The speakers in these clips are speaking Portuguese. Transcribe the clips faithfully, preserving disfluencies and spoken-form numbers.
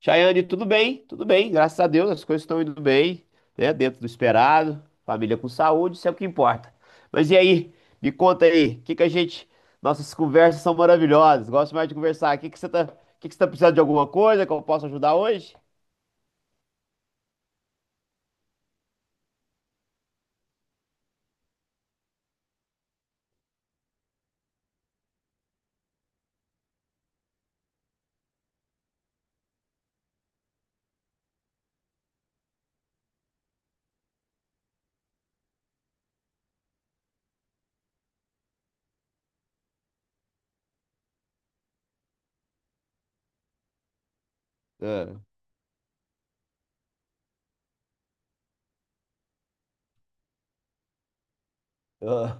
Chayane, tudo bem? Tudo bem, graças a Deus, as coisas estão indo bem, né? Dentro do esperado, família com saúde, isso é o que importa. Mas e aí, me conta aí, o que que a gente. Nossas conversas são maravilhosas, gosto mais de conversar. O que que você tá, o que que você tá precisando de alguma coisa que eu possa ajudar hoje? Ah, ah.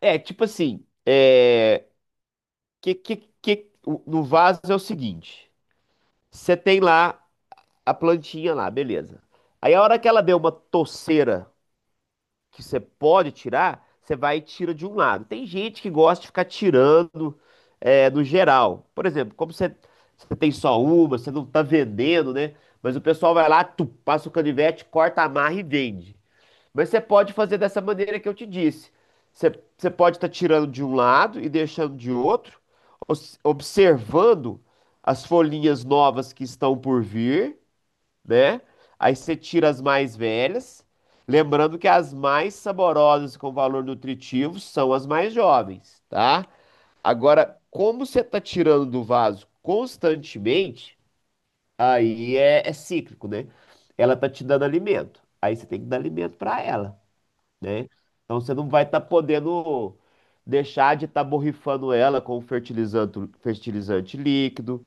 É, tipo assim, é, que, que, que, o- no vaso é o seguinte: você tem lá a plantinha lá, beleza. Aí a hora que ela deu uma toceira que você pode tirar, você vai e tira de um lado. Tem gente que gosta de ficar tirando é, no geral. Por exemplo, como você, você tem só uma, você não tá vendendo, né? Mas o pessoal vai lá, tu, passa o canivete, corta, amarra e vende. Mas você pode fazer dessa maneira que eu te disse. Você, você pode estar tirando de um lado e deixando de outro, os- observando as folhinhas novas que estão por vir, né? Aí você tira as mais velhas, lembrando que as mais saborosas com valor nutritivo são as mais jovens, tá? Agora, como você tá tirando do vaso constantemente, aí é, é cíclico, né? Ela tá te dando alimento, aí você tem que dar alimento para ela, né? Então você não vai estar podendo deixar de estar borrifando ela com fertilizante, fertilizante líquido.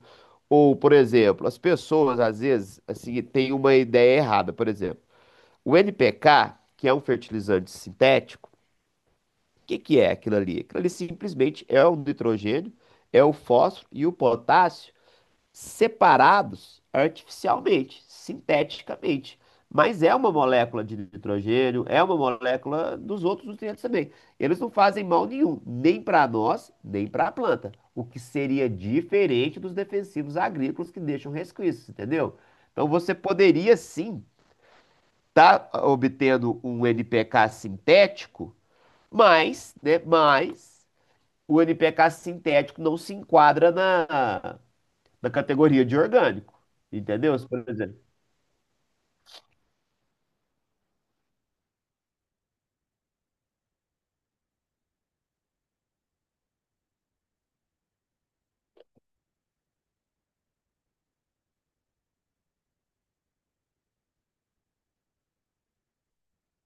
Ou, por exemplo, as pessoas às vezes assim têm uma ideia errada. Por exemplo, o N P K, que é um fertilizante sintético, o que que é aquilo ali? Aquilo ali simplesmente é o nitrogênio, é o fósforo e o potássio separados artificialmente, sinteticamente. Mas é uma molécula de nitrogênio, é uma molécula dos outros nutrientes também. Eles não fazem mal nenhum, nem para nós, nem para a planta. O que seria diferente dos defensivos agrícolas que deixam resquícios, entendeu? Então você poderia sim estar tá obtendo um N P K sintético, mas, né, mas o N P K sintético não se enquadra na, da categoria de orgânico, entendeu? Por exemplo,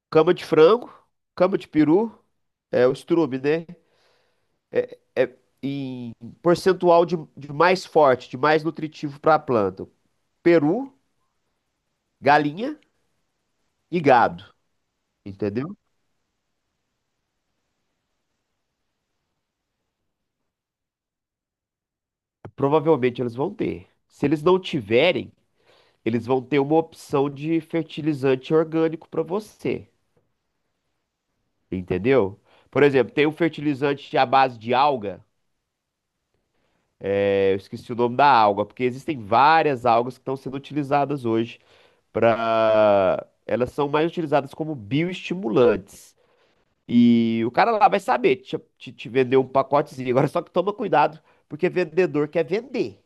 cama de frango, cama de peru, é o estrume, né? É em percentual de, de mais forte, de mais nutritivo para a planta. Peru, galinha e gado, entendeu? Provavelmente eles vão ter. Se eles não tiverem, eles vão ter uma opção de fertilizante orgânico para você, entendeu? Por exemplo, tem um fertilizante à base de alga. Eu esqueci o nome da alga, porque existem várias algas que estão sendo utilizadas hoje para. Elas são mais utilizadas como bioestimulantes. E o cara lá vai saber te, te- te vender um pacotezinho. Agora só que toma cuidado, porque vendedor quer vender.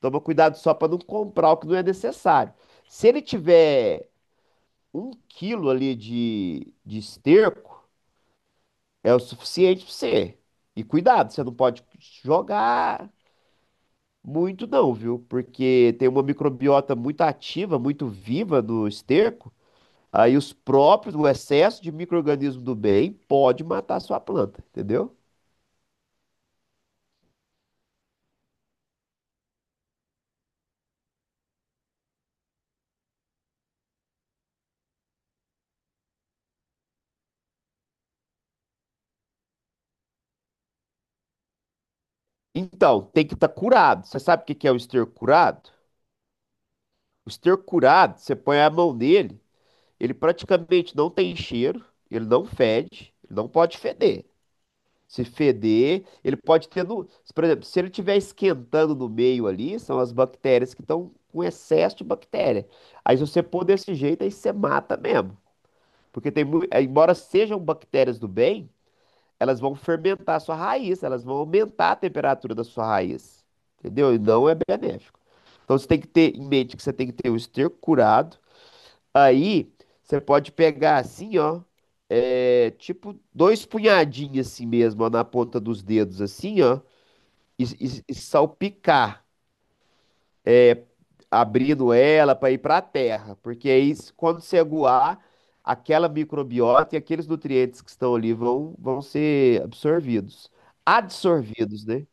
Toma cuidado só para não comprar o que não é necessário. Se ele tiver um quilo ali de, de esterco, é o suficiente para você. E cuidado, você não pode jogar. Muito não, viu? Porque tem uma microbiota muito ativa, muito viva no esterco. Aí os próprios, o excesso de micro-organismo do bem pode matar a sua planta, entendeu? Então, tem que estar curado. Você sabe o que que é o esterco curado? O esterco curado, você põe a mão nele, ele praticamente não tem cheiro, ele não fede, ele não pode feder. Se feder, ele pode ter no, por exemplo, se ele estiver esquentando no meio ali, são as bactérias que estão com excesso de bactéria. Aí se você pôr desse jeito, aí você mata mesmo. Porque tem, mui- embora sejam bactérias do bem, elas vão fermentar a sua raiz, elas vão aumentar a temperatura da sua raiz. Entendeu? E não é benéfico. Então você tem que ter em mente que você tem que ter o esterco curado. Aí você pode pegar assim, ó, é, tipo dois punhadinhos assim mesmo, ó, na ponta dos dedos, assim, ó, e, e- e salpicar, é, abrindo ela para ir para a terra, porque aí s- quando você aguar, aquela microbiota e aqueles nutrientes que estão ali vão, vão ser absorvidos, adsorvidos, né?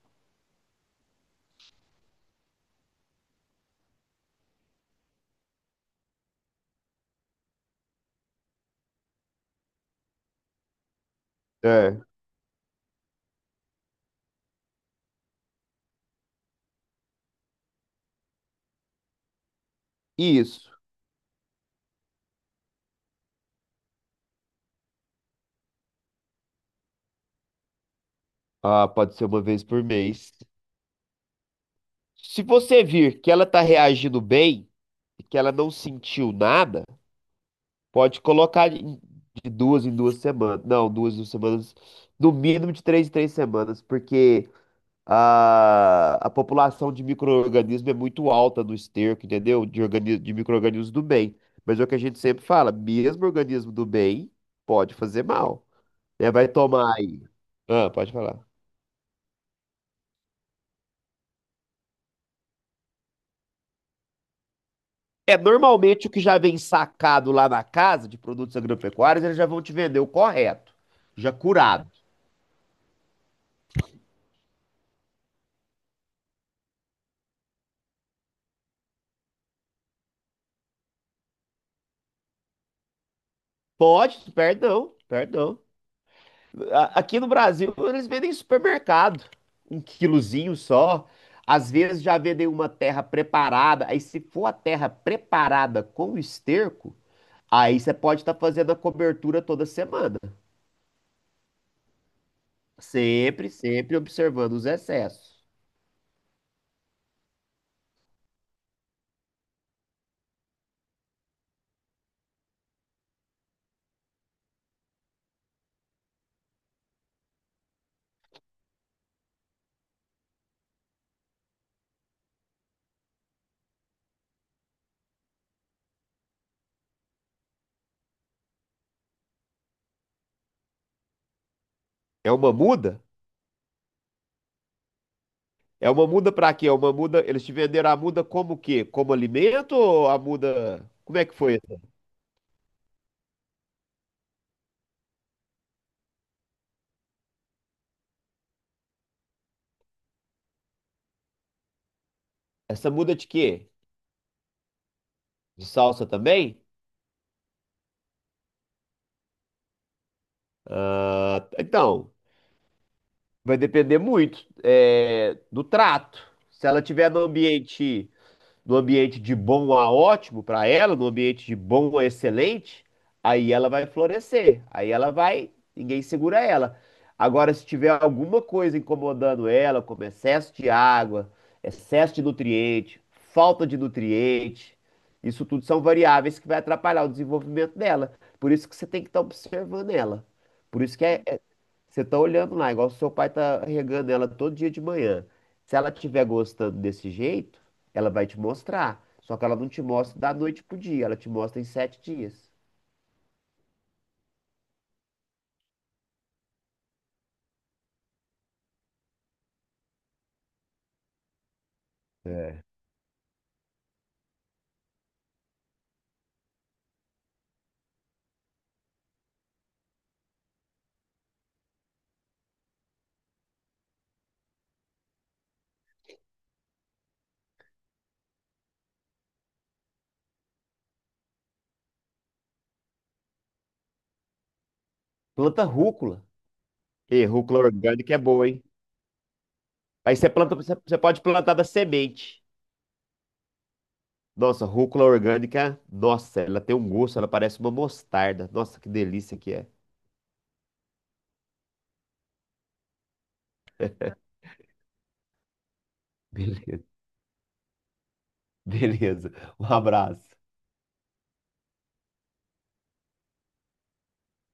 É, isso. Ah, pode ser uma vez por mês. Se você vir que ela tá reagindo bem e que ela não sentiu nada, pode colocar de de duas em duas semanas. Não, duas em duas semanas. No mínimo de três em três semanas, porque a, a população de micro-organismos é muito alta no esterco, entendeu? De, organi- de micro-organismos do bem. Mas é o que a gente sempre fala, mesmo organismo do bem pode fazer mal. Né? Vai tomar aí. Ah, pode falar. É, normalmente o que já vem sacado lá na casa de produtos agropecuários, eles já vão te vender o correto, já curado. Pode, perdão, perdão. A- Aqui no Brasil, eles vendem em supermercado, um quilozinho só. Às vezes já vendem uma terra preparada. Aí, se for a terra preparada com esterco, aí você pode estar fazendo a cobertura toda semana. Sempre, sempre observando os excessos. É uma muda? É uma muda para quê? É uma muda. Eles te venderam a muda como o quê? Como alimento ou a muda. Como é que foi essa? Essa muda de quê? De salsa também? Ah, então. Vai depender muito é, do trato. Se ela tiver no ambiente, no ambiente de bom a ótimo para ela, no ambiente de bom a excelente, aí ela vai florescer. Aí ela vai, ninguém segura ela. Agora, se tiver alguma coisa incomodando ela, como excesso de água, excesso de nutriente, falta de nutriente, isso tudo são variáveis que vai atrapalhar o desenvolvimento dela. Por isso que você tem que estar observando ela. Por isso que é você tá olhando lá, igual seu pai tá regando ela todo dia de manhã. Se ela tiver gostando desse jeito, ela vai te mostrar. Só que ela não te mostra da noite pro dia, ela te mostra em sete dias. É. Planta rúcula. E rúcula orgânica é boa, hein? Aí você planta, você você pode plantar da semente. Nossa, rúcula orgânica, nossa, ela tem um gosto, ela parece uma mostarda. Nossa, que delícia que é. Beleza, beleza. Um abraço.